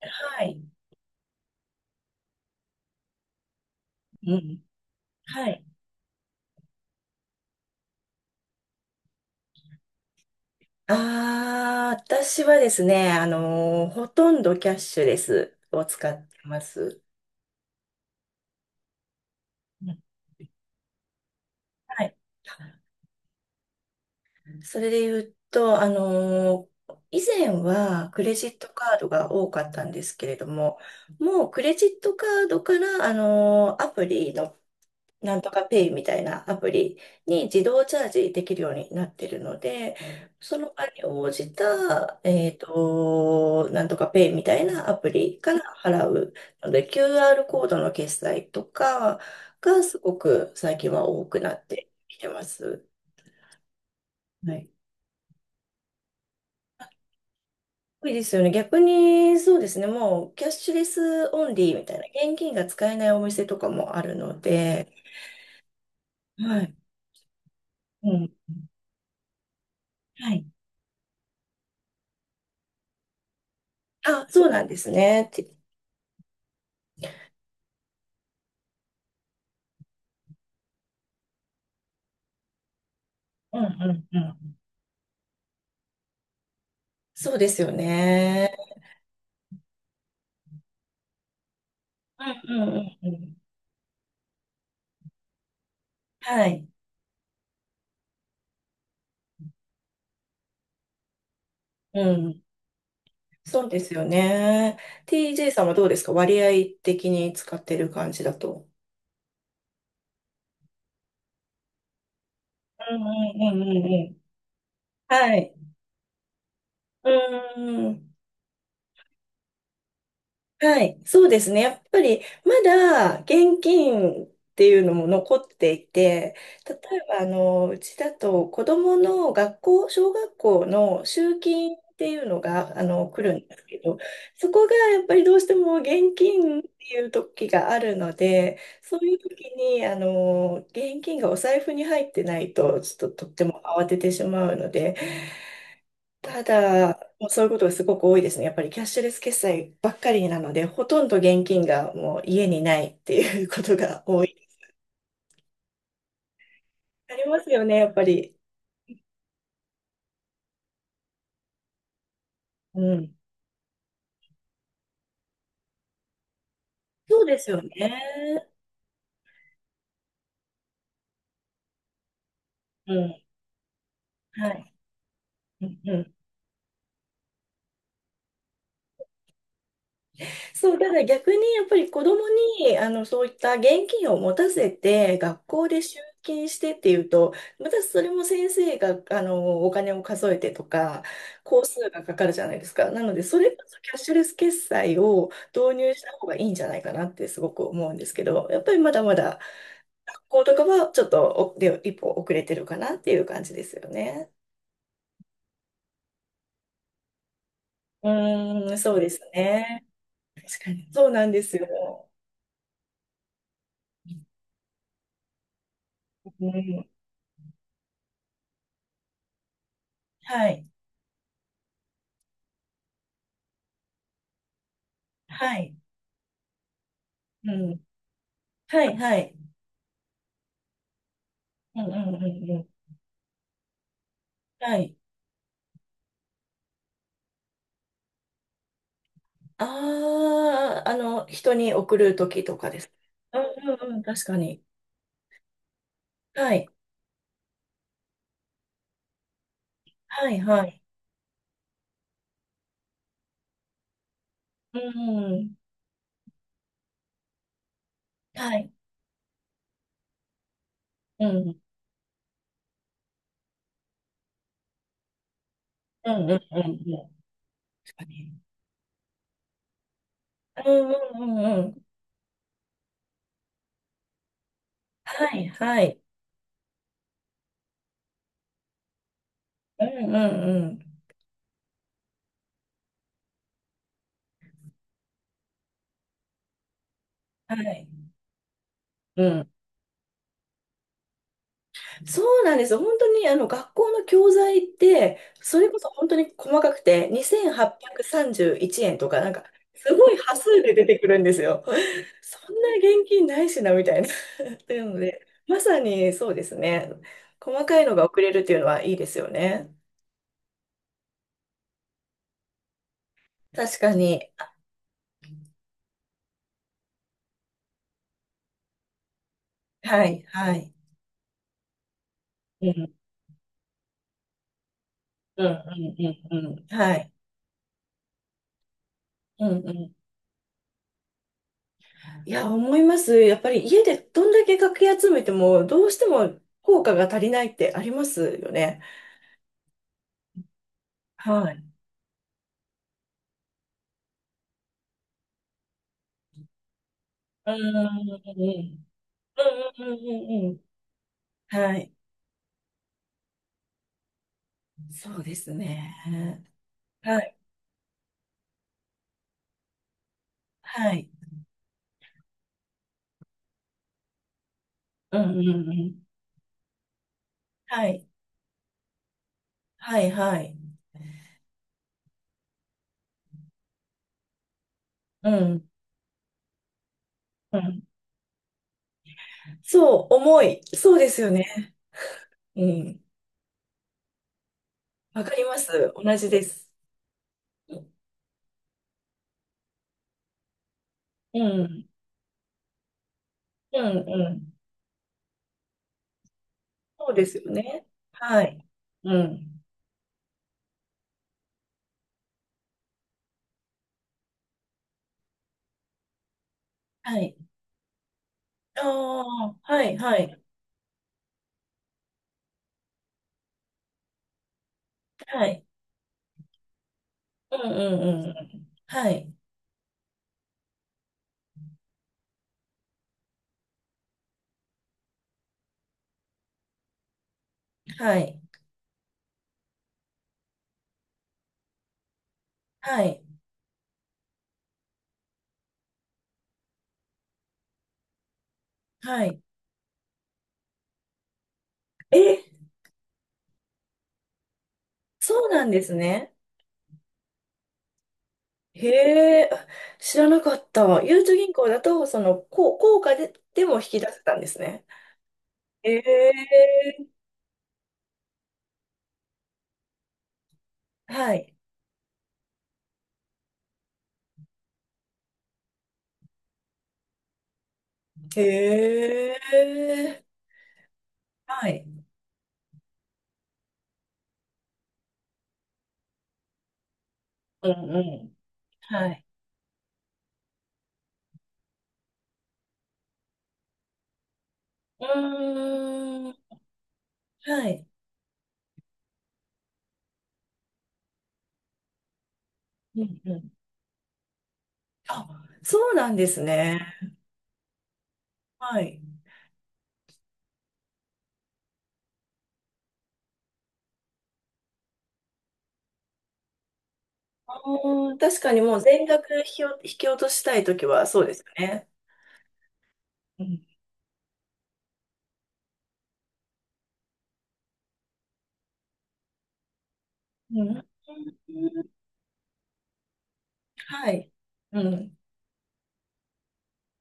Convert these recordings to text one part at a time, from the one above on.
はい。うん。はい。ああ、私はですね、ほとんどキャッシュレスを使ってます。うん。はい。それで言うと、以前はクレジットカードが多かったんですけれども、もうクレジットカードから、アプリのなんとかペイみたいなアプリに自動チャージできるようになってるので、その場に応じた、なんとかペイみたいなアプリから払うので、QR コードの決済とかがすごく最近は多くなってきてます。はい。多いですよね。逆に、そうですね。もう、キャッシュレスオンリーみたいな、現金が使えないお店とかもあるので、はい。うん。はい。あ、そうなんですね。うんうんうん。そうですよね。うんうんうんうん。はい。うん。そうですよね。TJ さんはどうですか、割合的に使ってる感じだと。うんうんうんうんうん。はい。うん。はい、そうですね。やっぱりまだ現金っていうのも残っていて、例えばあのうちだと子どもの学校、小学校の集金っていうのがあの来るんですけど、そこがやっぱりどうしても現金っていう時があるので、そういう時にあの現金がお財布に入ってないとちょっととっても慌ててしまうので、ただ、もうそういうことがすごく多いですね。やっぱりキャッシュレス決済ばっかりなので、ほとんど現金がもう家にないっていうことが多い。ありますよね、やっぱり。うん。そうですよね。うん。はい。うんうん。そう、ただ逆にやっぱり子供にあのそういった現金を持たせて学校で集金してっていうと、またそれも先生があのお金を数えてとか、工数がかかるじゃないですか。なので、それこそキャッシュレス決済を導入した方がいいんじゃないかなってすごく思うんですけど、やっぱりまだまだ学校とかはちょっとおで一歩遅れてるかなっていう感じですよね。うーん、そうですね。確かに。そうなんですよ。うん、はい。はい。うん。はい、はい。うん、うん、うん、うん。はい。ああ、あの、人に送るときとかです。うん、うん、うん、確かに。はい、はい、はい。うん、はい。うん、うん、うん、うん、うん。確かに。うん、うん、うん、うん。はい、はい。うん、うん、うん。はい。うん。そうなんです。本当にあの学校の教材って、それこそ本当に細かくて、2831円とか、なんか、すごい端数で出てくるんですよ。そんな現金ないしな、みたいな。っていうので、まさにそうですね。細かいのが送れるっていうのはいいですよね。確かに。はい、はい。うん、うん、うん、うん、うん。はい。うん、うん。いや、思います。やっぱり家でどんだけかき集めても、どうしても効果が足りないってありますよね。はい。うん。うんうんうんうんうん。はい。そうですね。はい。はい。うんうんうん。はい。はいはい。うん。うん。そう、重い。そうですよね。うん。わかります。同じです。うん。うんうん。そうですよね。はい。うん。はい。ああ、はい、はい、はい。うんうんうんうん。はい、はい、はい、はい。え、そうなんですね。へえ、あ、知らなかった。ゆうちょ銀行だと、その、こう、効果で、でも引き出せたんですね。へえ、はい。へえ、はい。うんうん。はい。うーん、はい。うんうん。あ、そうなんですね。はい。うん。確かにもう全額引き落としたいときはそうですよね。うん。うん。はい。うん。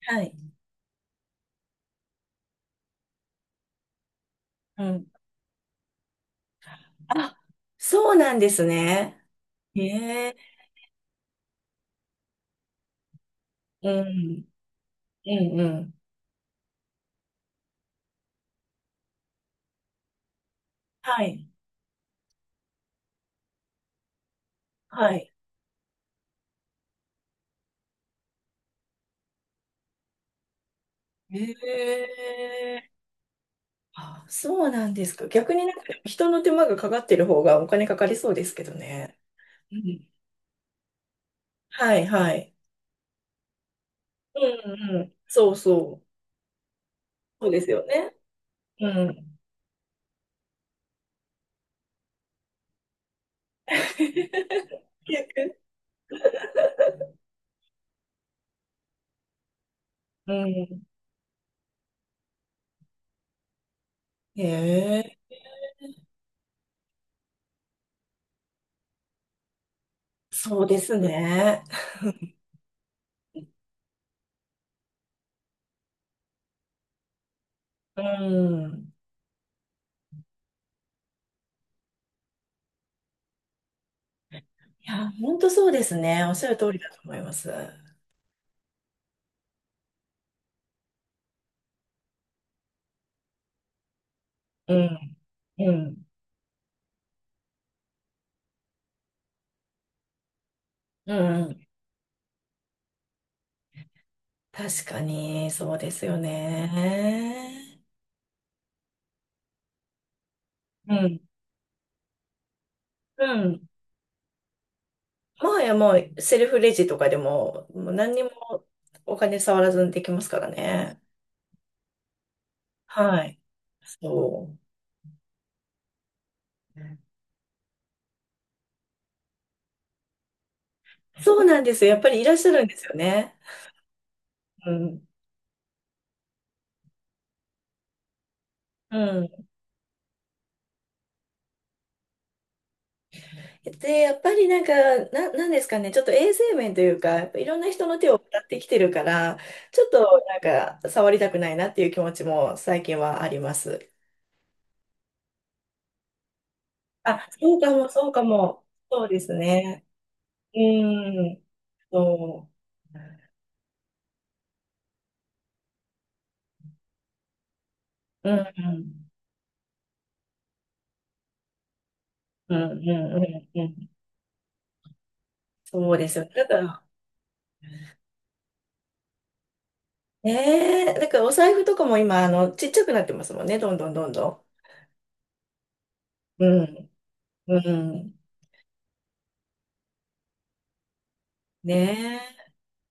はい。うん。あ、そうなんですね。ええ。うん。うんうん。はい。はい。ええ。あ、そうなんですか。逆になんか人の手間がかかってる方がお金かかりそうですけどね。うん。はいはい。うんうん。そうそう。そうですよね。うん。逆。うん。ええ、そうですね。うん。いや、本当そうですね。おっしゃる通りだと思います。うん。うん。うん。うん、確かに、そうですよね。うん。うん。もはやもう、セルフレジとかでも、もう何にもお金触らずにできますからね。はい。そう。そうなんですよ。やっぱりいらっしゃるんですよね。うん。うん。で、やっぱりなんか、なんですかね、ちょっと衛生面というか、やっぱいろんな人の手を渡ってきてるから、ちょっとなんか、触りたくないなっていう気持ちも最近はあります。あ、そうかも、そうかも。そうですね。うん。そう。うん、うん、うん、うん、うん。うん。そうですよ。だから、ねえ、だからお財布とかも今、あの、ちっちゃくなってますもんね、どんどんどんどん。うん、うん。ね